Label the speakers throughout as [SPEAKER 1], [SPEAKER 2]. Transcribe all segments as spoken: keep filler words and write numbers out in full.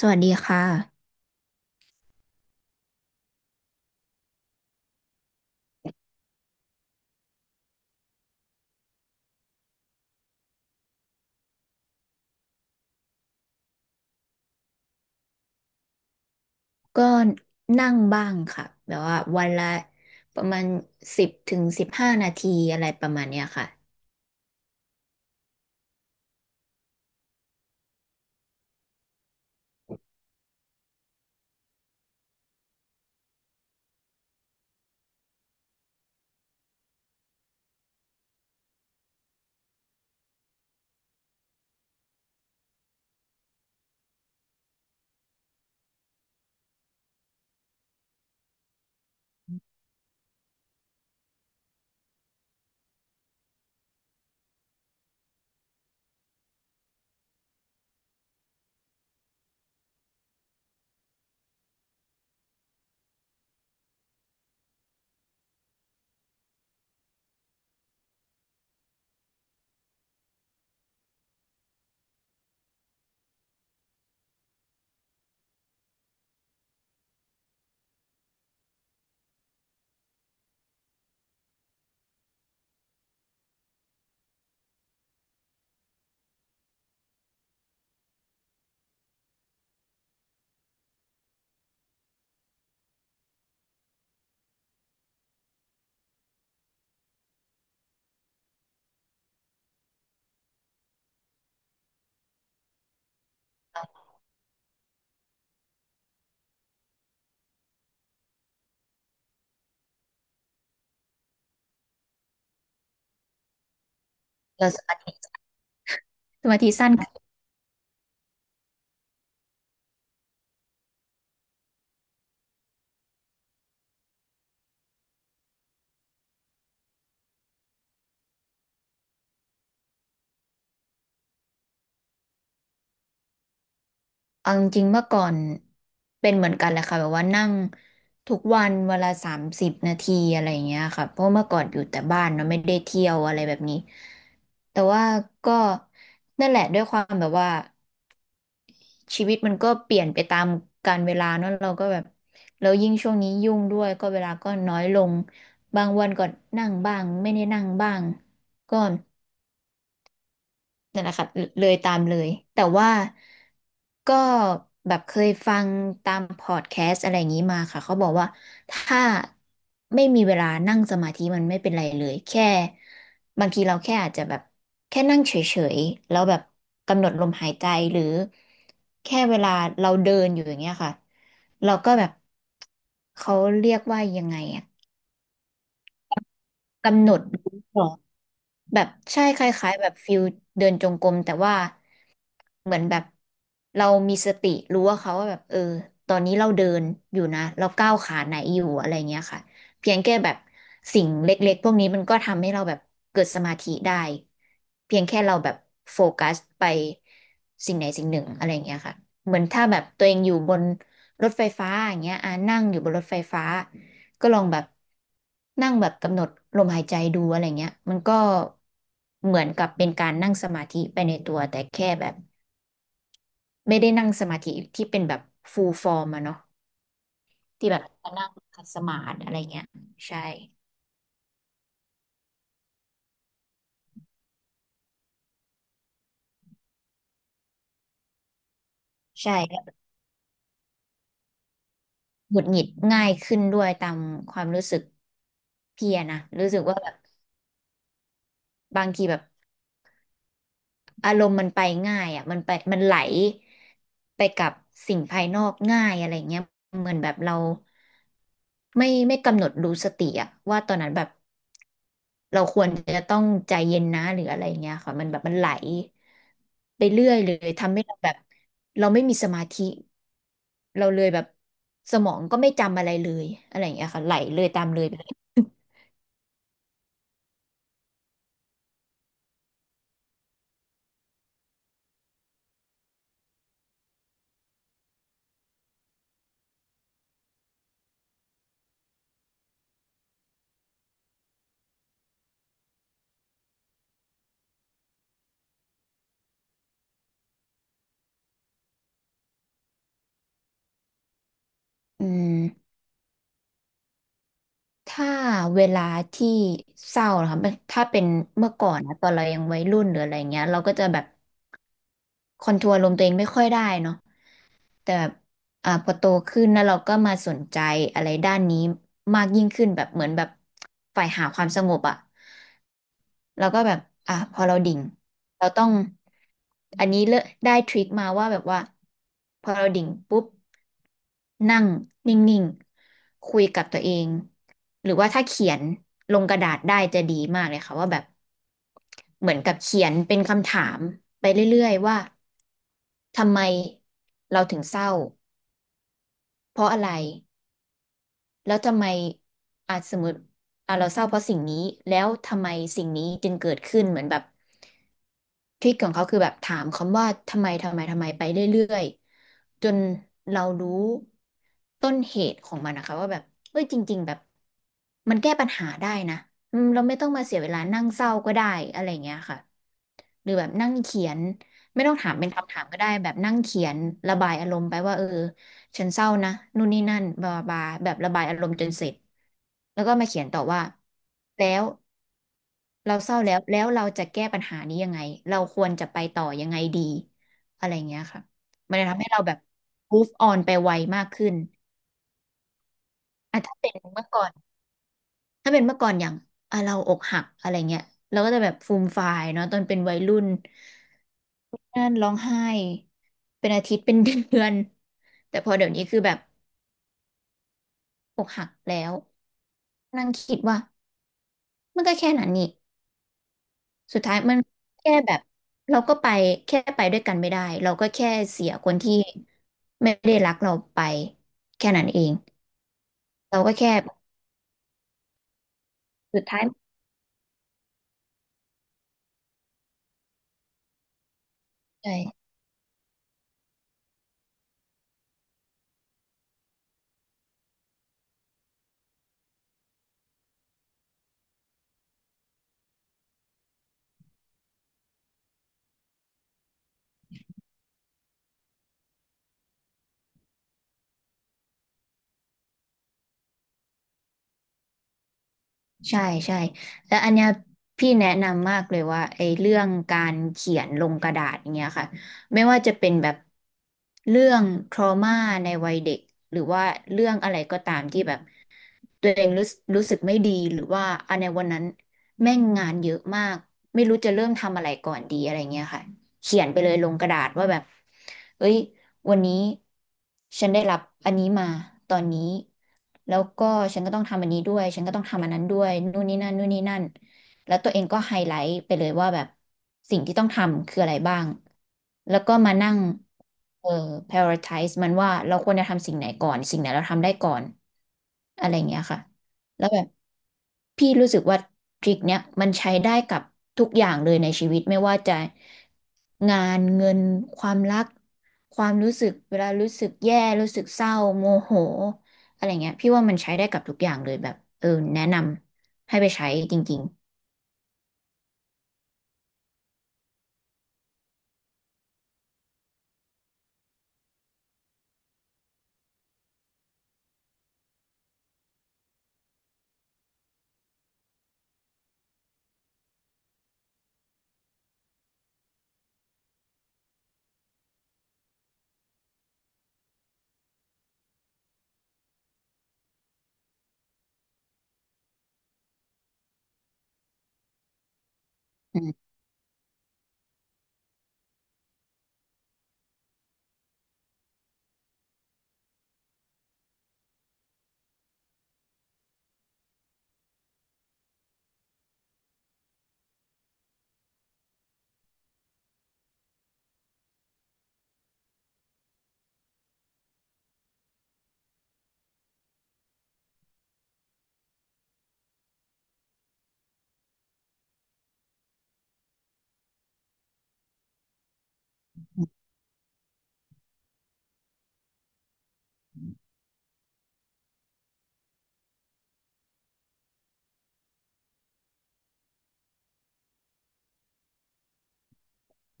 [SPEAKER 1] สวัสดีค่ะก็นั่งบ้างค่ะแบบว่าวันละประมาณสิบถึงสิบห้านาทีอะไรประมาณเนี้ยค่ะแล้วสมาธิสมาธิสั้นเอาจริงๆเมื่อก่อนเป็นเหมือนกันแหละค่ะแบบว่านั่งทุกวันเวลาสามสิบนาทีอะไรอย่างเงี้ยค่ะเพราะเมื่อก่อนอยู่แต่บ้านเนาะไม่ได้เที่ยวอะไรแบบนี้แต่ว่าก็นั่นแหละด้วยความแบบว่า ชีวิตมันก็เปลี่ยนไปตามกาลเวลาเนอะเราก็แบบแล้วยิ่งช่วงนี้ยุ่งด้วยก็เวลาก็น้อยลงบางวันก็นั่งบ้างไม่ได้นั่งบ้างก็ นั่นแหละค่ะเลยตามเลยแต่ว่าก็แบบเคยฟังตามพอดแคสต์อะไรอย่างนี้มาค่ะเขาบอกว่าถ้าไม่มีเวลานั่งสมาธิมันไม่เป็นไรเลยแค่บางทีเราแค่อาจจะแบบแค่นั่งเฉยๆแล้วแบบกำหนดลมหายใจหรือแค่เวลาเราเดินอยู่อย่างเงี้ยค่ะเราก็แบบเขาเรียกว่ายังไงอะกำหนดรู้ก่อนแบบใช่คล้ายๆแบบฟิลเดินจงกรมแต่ว่า เหมือนแบบเรามีสติรู้ว่าเขาว่าแบบเออตอนนี้เราเดินอยู่นะเราก้าวขาไหนอยู่อะไรเงี้ยค่ะเพียงแค่แบบสิ่งเล็กๆพวกนี้มันก็ทำให้เราแบบเกิดสมาธิได้เพียงแค่เราแบบโฟกัสไปสิ่งไหนสิ่งหนึ่งอะไรเงี้ยค่ะเหมือนถ้าแบบตัวเองอยู่บนรถไฟฟ้าอย่างเงี้ยอ่านั่งอยู่บนรถไฟฟ้าก็ลองแบบนั่งแบบกำหนดลมหายใจดูอะไรเงี้ยมันก็เหมือนกับเป็นการนั่งสมาธิไปในตัวแต่แค่แบบ ไม่ได้นั่งสมาธิที่เป็นแบบฟูลฟอร์มอะเนาะที่แบบนั่งขัดสมาธิอะไรเงี้ยใช่ใช่แล้วหงุดหงิดง่ายขึ้นด้วยตามความรู้สึกพี่อะนะรู้สึกว่าแบบบางทีแบบอารมณ์มันไปง่ายอะมันไปมันไหลไปกับสิ่งภายนอกง่ายอะไรเงี้ยเหมือนแบบเราไม่ไม่กำหนดรู้สติอะว่าตอนนั้นแบบ เราควรจะต้องใจเย็นนะหรืออะไรอย่างเงี้ยค่ะมันแบบมันไหลไปเรื่อยเลยทำให้เราแบบเราไม่มีสมาธิเราเลยแบบสมองก็ไม่จำอะไรเลยอะไรอย่างเงี้ยค่ะไหลเลยตามเลยไปเลยอืมถ้าเวลาที่เศร้านะคะมันถ้าเป็นเมื่อก่อนนะตอนเรายังวัยรุ่นหรืออะไรเงี้ยเราก็จะแบบคอนโทรลลมณ์ตัวเองไม่ค่อยได้เนาะ แต่แบบอ่าพอโตขึ้นแล้วเราก็มาสนใจอะไรด้านนี้มากยิ่งขึ้นแบบเหมือนแบบฝ่ายหาความสงบอ่ะเราก็แบบอ่ะพอเราดิ่งเราต้องอันนี้เลอะได้ทริคมาว่าแบบว่าพอเราดิ่งปุ๊บนั่งนิ่งๆคุยกับตัวเองหรือว่าถ้าเขียนลงกระดาษได้จะดีมากเลยค่ะว่าแบบเหมือนกับเขียนเป็นคำถามไปเรื่อยๆว่าทำไมเราถึงเศร้า เพราะอะไร แล้วทำไมอาจสมมติอ่ะเราเศร้าเพราะสิ่งนี้แล้วทำไมสิ่งนี้จึงเกิดขึ้นเหมือนแบบทริคของเขาคือแบบถามคำว่าทำไมทำไมทำไมไปเรื่อยๆจนเรารู้ต้นเหตุของมันนะคะว่าแบบเอ้ยจริงๆแบบมันแก้ปัญหาได้นะอืมเราไม่ต้องมาเสียเวลานั่งเศร้าก็ได้อะไรอย่างเงี้ยค่ะหรือแบบนั่งเขียนไม่ต้องถามเป็นคำถามก็ได้แบบนั่งเขียนระบายอารมณ์ไปว่าเออ ฉันเศร้านะนู่นนี่นั่นบลาบลาแบบระบายอารมณ์จนเสร็จแล้วก็มาเขียนต่อว่าแล้วเราเศร้าแล้วแล้วเราจะแก้ปัญหานี้ยังไงเราควรจะไปต่อยังไงดีอะไรเงี้ยค่ะมันจะทำให้เราแบบ มูฟออน ไปไวมากขึ้นอ่ะถ้าเป็นเมื่อก่อนถ้าเป็นเมื่อก่อนอย่างอ่ะเราอกหักอะไรเงี้ยเราก็จะแบบฟูมฟายเนาะตอนเป็นวัยรุ่นนั่นร้องไห้เป็นอาทิตย์เป็นเดือนแต่พอเดี๋ยวนี้คือแบบอกหักแล้วนั่งคิดว่า มันก็แค่นั้นนี่สุดท้ายมันแค่แบบเราก็ไปแค่ไปด้วยกันไม่ได้เราก็แค่เสียคนที่ไม่ได้รักเราไปแค่นั้นเองเราก็แค่สุดท้ายใช่ใช่ใช่แล้วอันเนี้ยพี่แนะนำมากเลยว่าไอ้เรื่องการเขียนลงกระดาษอย่างเงี้ยค่ะไม่ว่าจะเป็นแบบเรื่อง ทรอมา ในวัยเด็กหรือว่าเรื่องอะไรก็ตามที่แบบ ตัวเองรู้รู้สึกไม่ดีหรือว่าอันในวันนั้นแม่งงานเยอะมากไม่รู้จะเริ่มทำอะไรก่อนดีอะไรเงี้ยค่ะเขียนไปเลยลงกระดาษว่าแบบเอ้ยวันนี้ฉันได้รับอันนี้มาตอนนี้แล้วก็ฉันก็ต้องทำอันนี้ด้วยฉันก็ต้องทำอันนั้นด้วยนู่นนี่นั่นนู่นนี่นั่น แล้วตัวเองก็ไฮไลท์ไปเลยว่าแบบสิ่งที่ต้องทำคืออะไรบ้าง แล้วก็มานั่งเอ่อ ไพรออริไทซ์ มันว่าเราควรจะทำสิ่งไหนก่อนสิ่งไหนเราทำได้ก่อนอะไรอย่างเงี้ยค่ะแล้วแบบพี่รู้สึกว่าทริคเนี้ยมันใช้ได้กับทุกอย่างเลยในชีวิตไม่ว่าจะงานเงินความรักความรู้สึกเวลารู้สึกแย่รู้สึกเศร้าโมโหอะไรเงี้ยพี่ว่ามันใช้ได้กับทุกอย่างเลยแบบเออแนะนำให้ไปใช้จริงๆอืม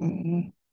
[SPEAKER 1] อืม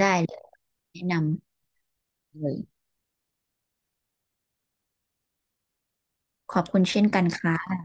[SPEAKER 1] ได้เลยแนะนำเลยขอบคุณเช่นกันค่ะ